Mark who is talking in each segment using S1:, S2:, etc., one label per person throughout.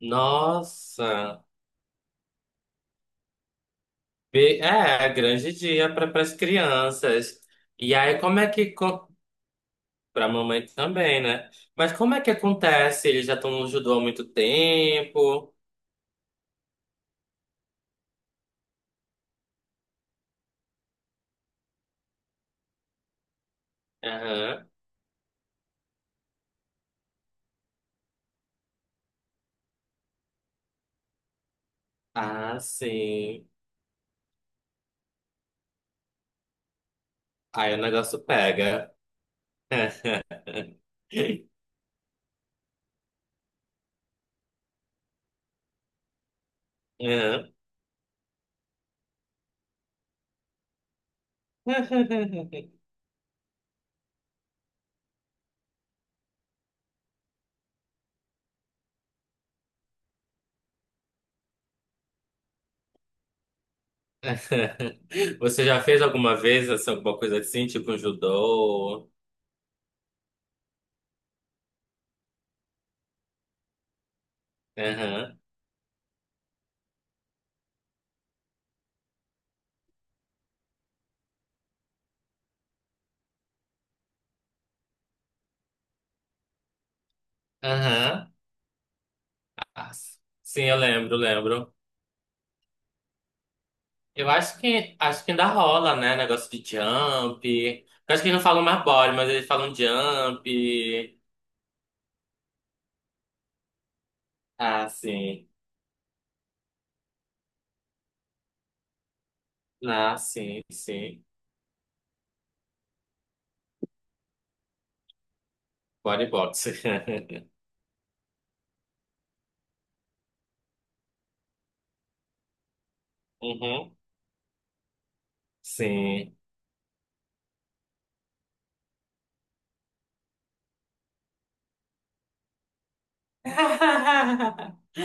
S1: Nossa, é grande dia para as crianças. E aí, como é que para a mamãe também, né? Mas como é que acontece? Eles já estão no judô há muito tempo. Aham. Ah, sim. Aí o negócio pega. Aham. Você já fez alguma vez assim, alguma coisa assim, tipo um judô? Aham. Aham. Ah, sim, eu lembro, lembro. Eu acho que ainda rola, né? Negócio de jump. Eu acho que eles não falam mais body, mas eles falam jump. Ah, sim. Ah, sim, sim. Bodybox. Uhum. Sim.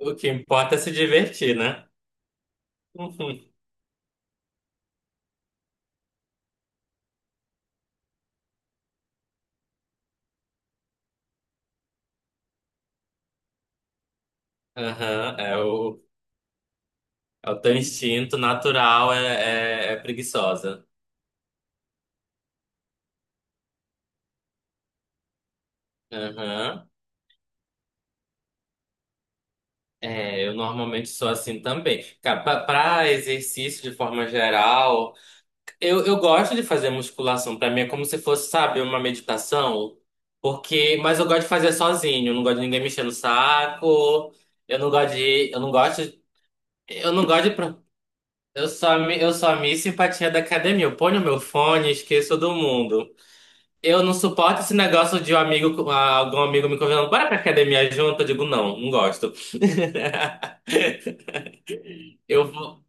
S1: O que importa é se divertir, né? Uhum. Aham, é o teu instinto natural, é preguiçosa. Aham. É, eu normalmente sou assim também. Cara, para exercício de forma geral. Eu gosto de fazer musculação. Pra mim é como se fosse, sabe, uma meditação. Porque, mas eu gosto de fazer sozinho. Eu não gosto de ninguém mexendo no saco. Eu não gosto de, eu não gosto, eu não gosto de, pro- eu sou a Miss Simpatia da academia. Eu ponho meu fone e esqueço do mundo. Eu não suporto esse negócio de um amigo, algum amigo me convidando, bora pra academia junto. Eu digo, não, não gosto. Eu vou,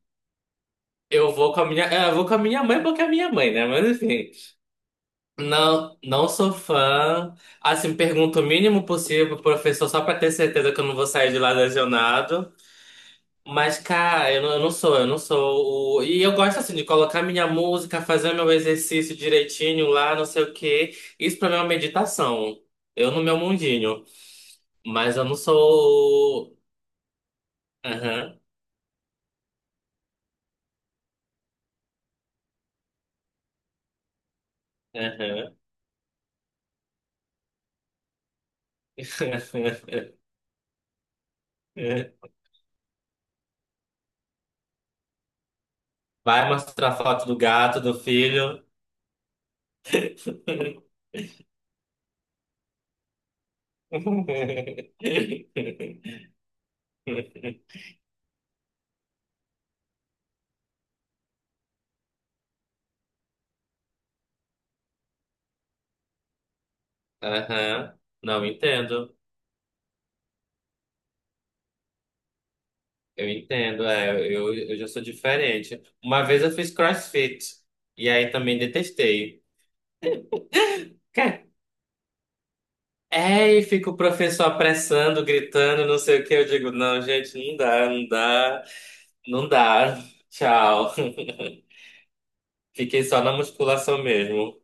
S1: eu vou com a minha mãe porque é a minha mãe, né? Mas enfim. Não, não sou fã. Assim, pergunto o mínimo possível pro professor só pra ter certeza que eu não vou sair de lá lesionado. Mas, cara, eu não sou o... E eu gosto, assim, de colocar minha música, fazer meu exercício direitinho lá, não sei o quê. Isso pra mim é uma meditação. Eu no meu mundinho. Mas eu não sou... o- Aham, aham. Vai mostrar foto do gato, do filho. Aham. Não, entendo. Eu entendo. É, eu já sou diferente. Uma vez eu fiz CrossFit. E aí também detestei. Quê? É, e fica o professor apressando, gritando, não sei o que. Eu digo, não, gente, não dá. Tchau. Fiquei só na musculação mesmo.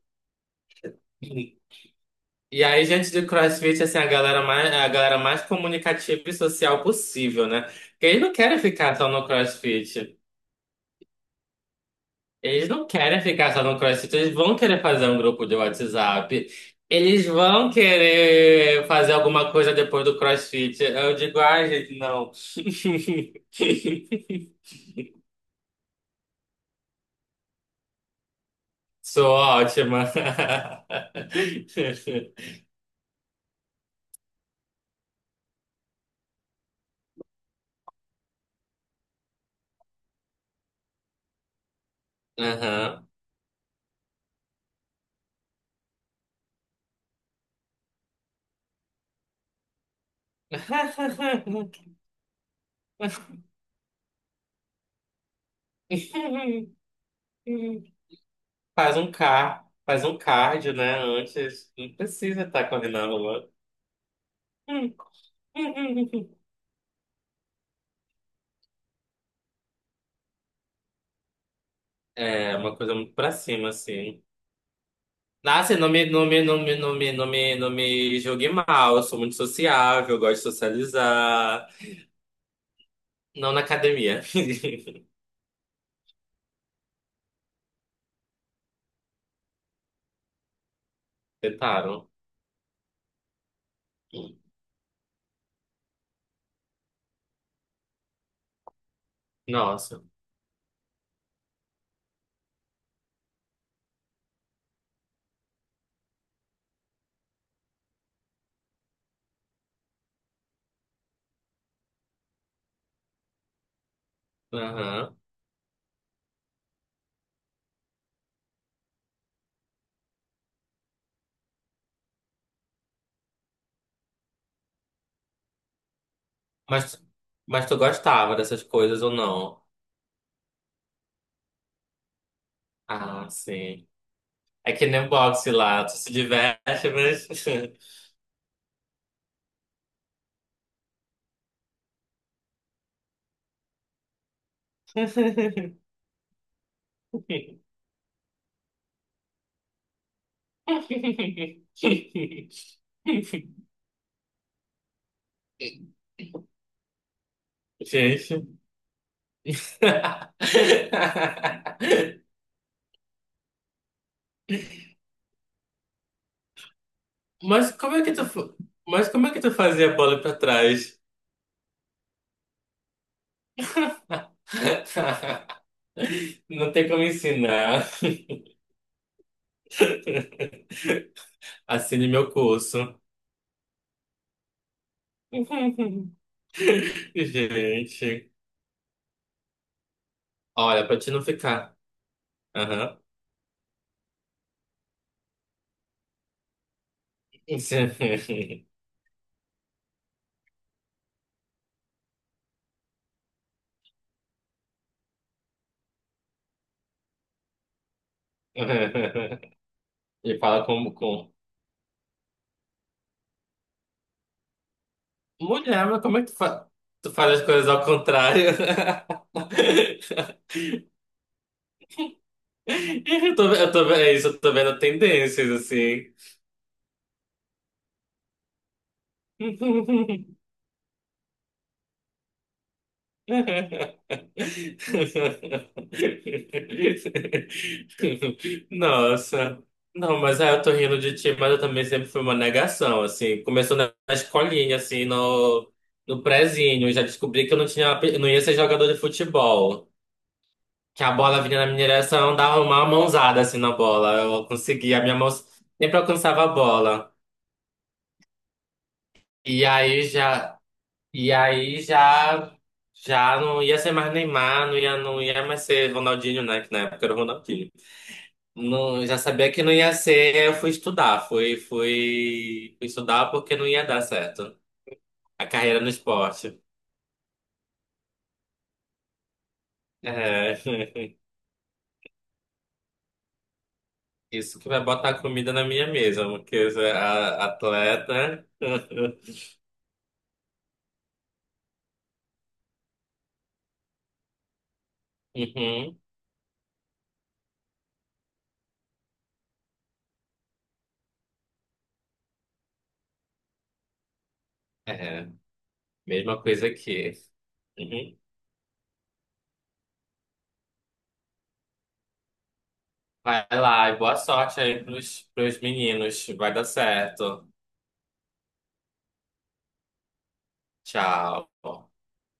S1: E aí, gente do CrossFit, assim, a galera mais comunicativa e social possível, né? Porque eles não querem ficar só no CrossFit. Eles não querem ficar só no CrossFit, eles vão querer fazer um grupo de WhatsApp. Eles vão querer fazer alguma coisa depois do CrossFit. Eu digo, ai, gente, não. Sou ótima. Aham. Faz um cardio, né? Antes, não precisa estar correndo na rua. É uma coisa muito pra cima, assim. Nossa, eu não me julgue mal. Eu sou muito sociável, eu gosto de socializar. Não na academia. Tentaram. Nossa. Aham. Mas, mas tu gostava dessas coisas ou não? Ah, sim. É que nem boxe lá. Tu se diverte, mas... Gente. Mas como é que tu, fa- mas como é que tu fazia a bola pra trás? Não tem como ensinar. Assine meu curso. Gente, olha, pra te não ficar. Aham. E fala como com mulher, mas como é que tu, fa... tu faz as coisas ao contrário? É isso, eu tô vendo tendências assim. Nossa. Não, mas aí eu tô rindo de ti, mas eu também sempre fui uma negação, assim. Começou na escolinha, assim, no prezinho. Eu já descobri que eu não tinha, ape- não ia ser jogador de futebol. Que a bola vinha na minha direção, dava uma mãozada, assim, na bola. Eu conseguia, a minha mão sempre alcançava a bola. E aí já, e aí já, já não ia ser mais Neymar, não ia mais ser Ronaldinho, né? Que na época era o Ronaldinho. Não, já sabia que não ia ser, fui estudar porque não ia dar certo. A carreira no esporte. É, isso que vai botar comida na minha mesa, atleta. Uhum, é, mesma coisa aqui. Uhum. Vai lá e boa sorte aí pros meninos. Vai dar certo. Tchau.